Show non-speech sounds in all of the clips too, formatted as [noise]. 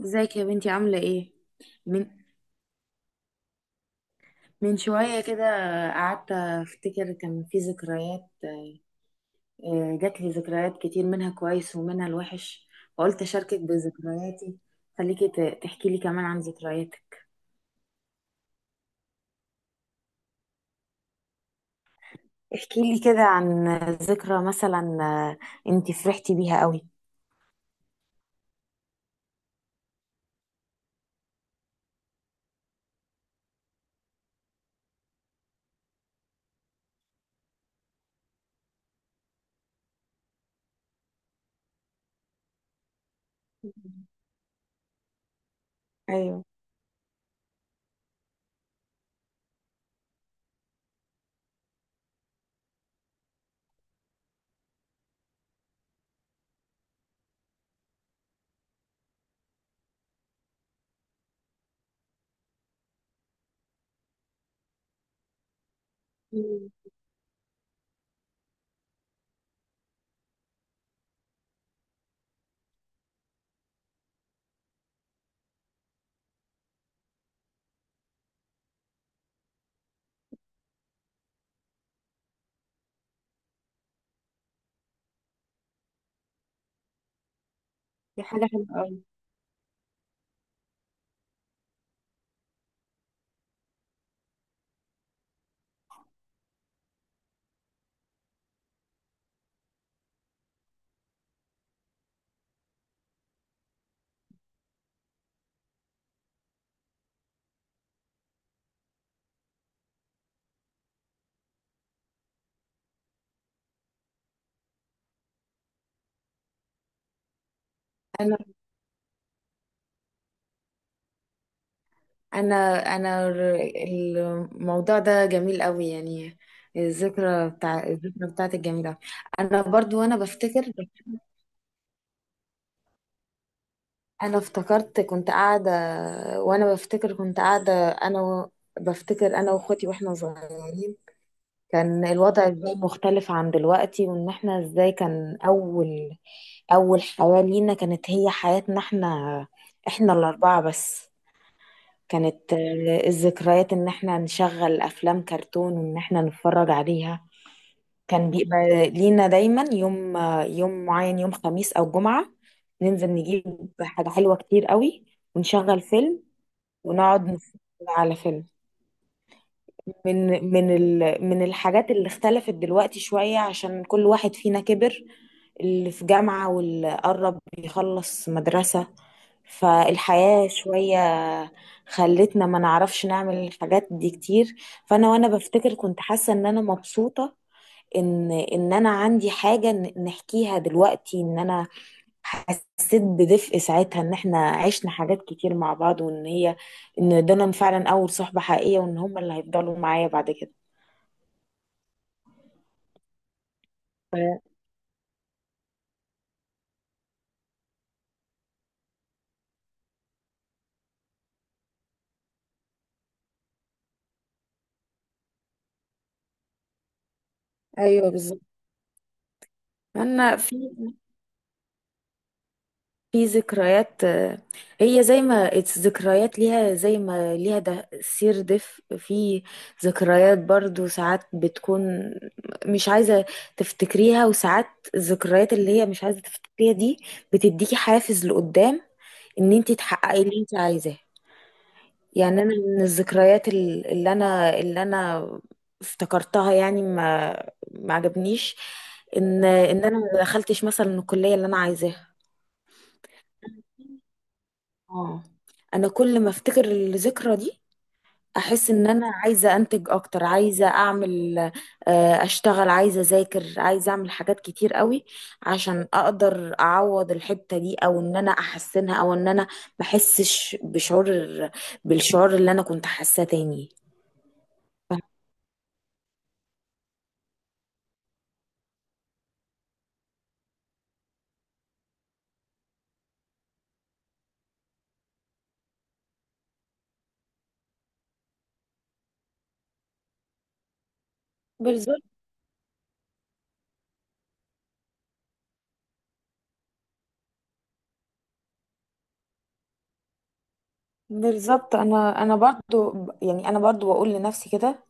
ازيك يا بنتي عاملة ايه؟ من من شوية كده قعدت افتكر كان في ذكريات، جات لي ذكريات كتير منها كويس ومنها الوحش. فقلت اشاركك بذكرياتي. خليكي تحكي لي كمان عن ذكرياتك. احكي لي كده عن ذكرى مثلا، انتي فرحتي بيها قوي. ايوه، دي حاجه حلوه قوي. انا انا الموضوع ده جميل قوي يعني، الذكرى بتاعتك جميلة. انا برضو وانا بفتكر. انا افتكرت كنت قاعدة، وانا بفتكر كنت قاعدة انا بفتكر انا واخواتي واحنا صغيرين. كان الوضع ازاي مختلف عن دلوقتي، وان احنا ازاي كان اول حياة لينا كانت هي حياتنا احنا، احنا الاربعة بس. كانت الذكريات ان احنا نشغل افلام كرتون وان احنا نتفرج عليها. كان بيبقى لينا دايما يوم، يوم معين، يوم خميس او جمعة. ننزل نجيب حاجة حلوة كتير قوي، ونشغل فيلم، ونقعد نتفرج على فيلم. من من الحاجات اللي اختلفت دلوقتي شوية عشان كل واحد فينا كبر، اللي في جامعة واللي قرب يخلص مدرسة. فالحياة شوية خلتنا ما نعرفش نعمل الحاجات دي كتير. وأنا بفتكر كنت حاسة إن أنا مبسوطة، إن أنا عندي حاجة نحكيها دلوقتي، إن أنا حسيت بدفء ساعتها، إن إحنا عشنا حاجات كتير مع بعض، وإن هي إن دول فعلا أول صحبة حقيقية، وإن هم اللي هيفضلوا معايا بعد كده. ايوه، بالظبط. انا في ذكريات، هي زي ما it's ذكريات ليها زي ما ليها ده سير دف. في ذكريات برضو ساعات بتكون مش عايزة تفتكريها، وساعات الذكريات اللي هي مش عايزة تفتكريها دي بتديكي حافز لقدام، ان انت تحققي اللي انت عايزاه. يعني انا من الذكريات اللي انا افتكرتها يعني ما عجبنيش ان انا ما دخلتش مثلا الكليه اللي انا عايزاها. اه، انا كل ما افتكر الذكرى دي احس ان انا عايزه انتج اكتر، عايزه اعمل، اشتغل، عايزه اذاكر، عايزه اعمل حاجات كتير قوي عشان اقدر اعوض الحته دي، او ان انا احسنها، او ان انا ما احسش بالشعور اللي انا كنت حاساه تاني. بالظبط، بالظبط. انا برضو يعني انا برضو بقول لنفسي كده.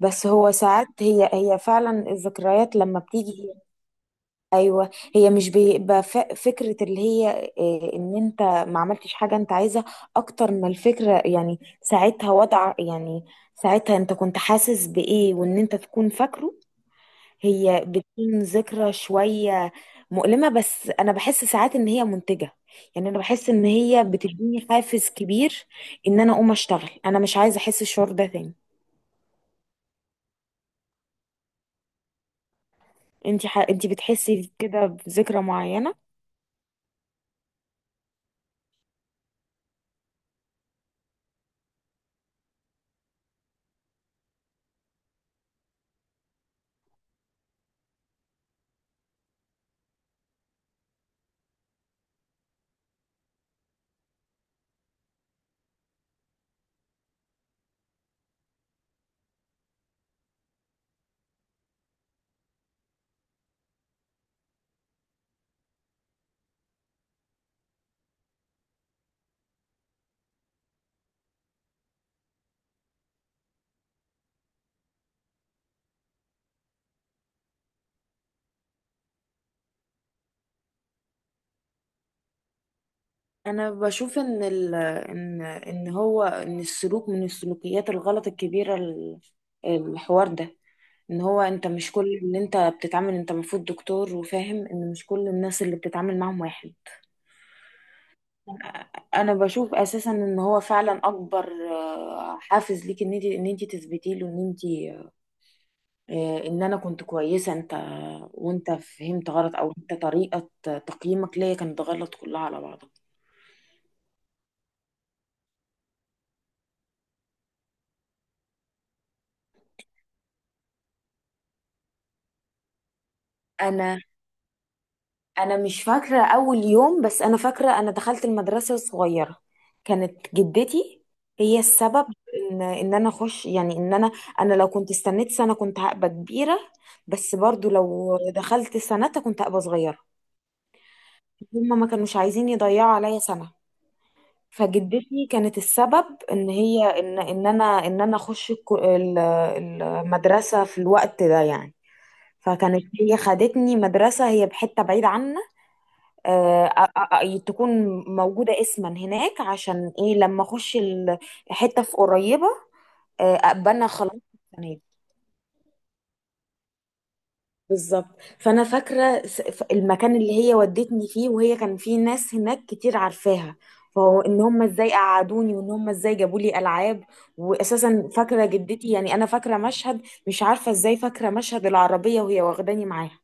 بس هو ساعات هي فعلا الذكريات لما بتيجي هي. ايوه، هي مش بيبقى فكره اللي هي، ان انت ما عملتش حاجه انت عايزها اكتر ما الفكره، يعني ساعتها وضع، يعني ساعتها انت كنت حاسس بايه وان انت تكون فاكره. هي بتكون ذكرى شوية مؤلمة، بس أنا بحس ساعات إن هي منتجة، يعني أنا بحس إن هي بتديني حافز كبير، إن أنا أقوم أشتغل، أنا مش عايزة أحس الشعور ده تاني. أنتي بتحسي كده بذكرى معينة؟ انا بشوف ان ال... ان ان هو ان السلوك من السلوكيات الغلط الكبيره، الحوار ده، ان هو انت مش كل اللي انت بتتعامل، انت المفروض دكتور وفاهم ان مش كل الناس اللي بتتعامل معاهم واحد. انا بشوف اساسا ان هو فعلا اكبر، حافز ليك، ان انت تثبتي له ان انا كنت كويسه، وانت فهمت غلط، او انت طريقه تقييمك ليا كانت غلط كلها على بعضها. انا انا مش فاكره اول يوم، بس انا فاكره انا دخلت المدرسه الصغيره، كانت جدتي هي السبب ان انا اخش، يعني ان انا انا لو كنت استنيت سنه كنت هبقى كبيره، بس برضو لو دخلت سنتها كنت هبقى صغيره. هما ما كانوش عايزين يضيعوا عليا سنة. فجدتي كانت السبب ان هي ان ان انا ان انا اخش المدرسة في الوقت ده يعني. فكانت هي خدتني مدرسة هي بحتة بعيدة عنا. تكون موجودة اسما هناك، عشان ايه لما اخش حتة في قريبة، ابقى انا خلاص. بالظبط. فانا فاكره، المكان اللي هي ودتني فيه، وهي كان فيه ناس هناك كتير عارفاها، فهو ان هم ازاي قعدوني وان هم ازاي جابوا لي العاب. واساسا فاكره جدتي، يعني انا فاكره مشهد، مش عارفه ازاي فاكره مشهد العربيه وهي واخداني معاها.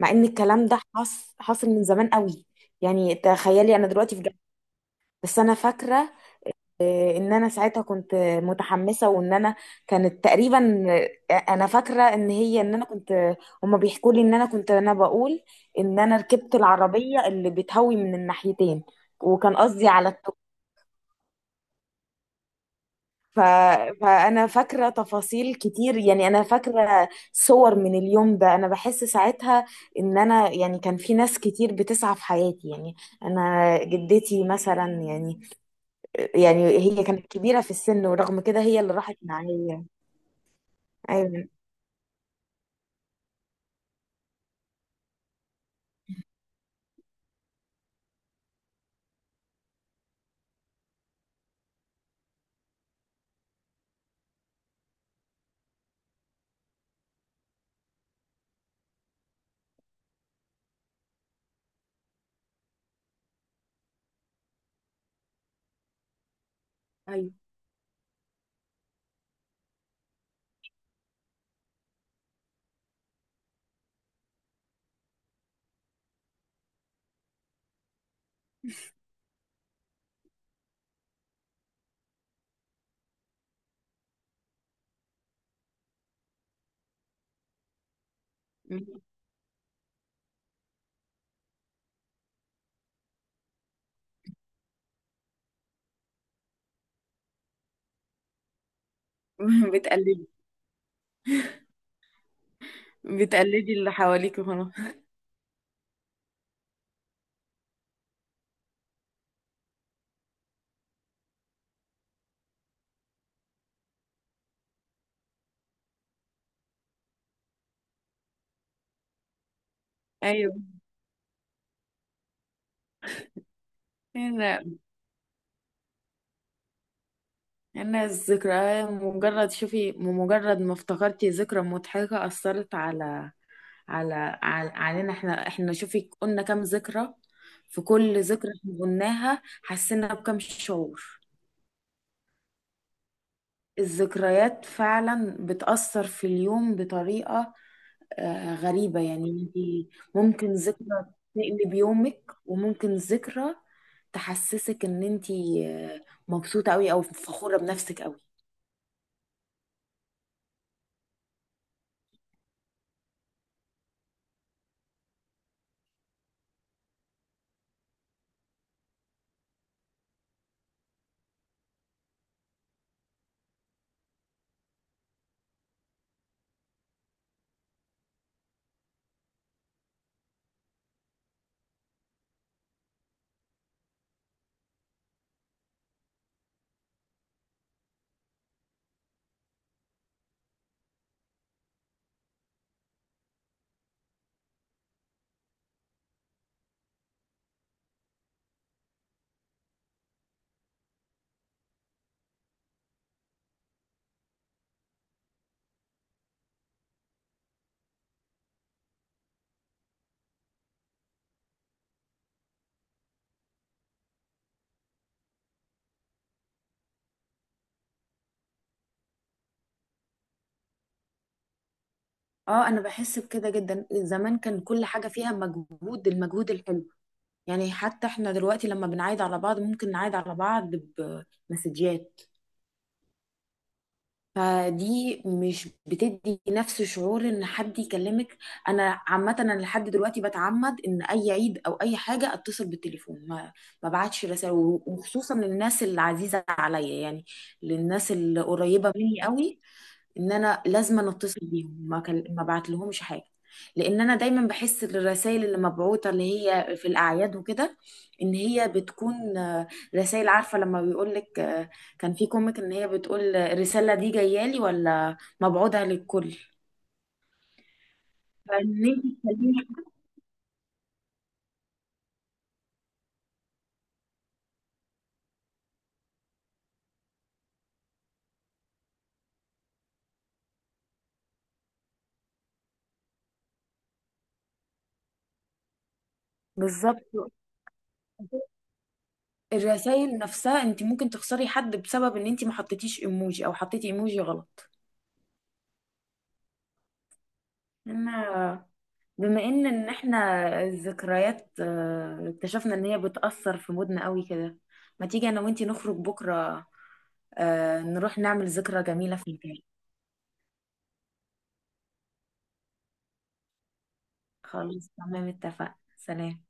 مع ان الكلام ده حصل من زمان قوي، يعني تخيلي انا دلوقتي في جامعه. بس انا فاكره ان انا ساعتها كنت متحمسه، وان انا كانت تقريبا، انا فاكره ان انا كنت، هما بيحكوا لي ان انا كنت، انا بقول ان انا ركبت العربيه اللي بتهوي من الناحيتين، وكان قصدي على التوك. ف... فانا فاكره تفاصيل كتير، يعني انا فاكره صور من اليوم ده. انا بحس ساعتها ان انا يعني كان في ناس كتير بتسعى في حياتي، يعني انا جدتي مثلا يعني، يعني هي كانت كبيره في السن، ورغم كده هي اللي راحت معايا. ايوه. ايوه. [laughs] بتقلدي بتقلدي اللي حواليك وخلاص. ايوه. هنا هنا الذكرى، مجرد شوفي، مجرد ما افتكرتي ذكرى مضحكة أثرت على على على علينا، احنا شوفي قلنا كام ذكرى، في كل ذكرى احنا قلناها حسينا بكم شعور. الذكريات فعلا بتأثر في اليوم بطريقة، غريبة يعني انتي، ممكن ذكرى تقلب يومك، وممكن ذكرى تحسسك ان انتي، مبسوطة قوي او فخورة بنفسك قوي. اه، انا بحس بكده جدا. زمان كان كل حاجة فيها مجهود، المجهود الحلو، يعني حتى احنا دلوقتي لما بنعايد على بعض ممكن نعايد على بعض بمسجات، فدي مش بتدي نفس شعور ان حد يكلمك. انا عامه انا لحد دلوقتي بتعمد ان اي عيد او اي حاجه اتصل بالتليفون، ما بعتش رسائل، وخصوصا للناس العزيزه عليا يعني، للناس القريبه مني قوي، ان انا لازم أنا اتصل بيهم، ما بعت لهمش حاجه. لان انا دايما بحس الرسائل اللي مبعوته اللي هي في الاعياد وكده، ان هي بتكون، رسائل. عارفه لما بيقول لك كان في كوميك ان هي بتقول، الرساله دي جايه لي ولا مبعوتها للكل، فان انت تخليني. بالظبط. الرسائل نفسها، انت ممكن تخسري حد بسبب ان انت ما حطيتيش ايموجي او حطيتي ايموجي غلط. انا، بما ان احنا الذكريات، اكتشفنا ان هي بتأثر في مودنا قوي كده، ما تيجي انا وانتي نخرج بكرة، نروح نعمل ذكرى جميلة في البيت. خلاص، تمام، اتفقنا، سلام.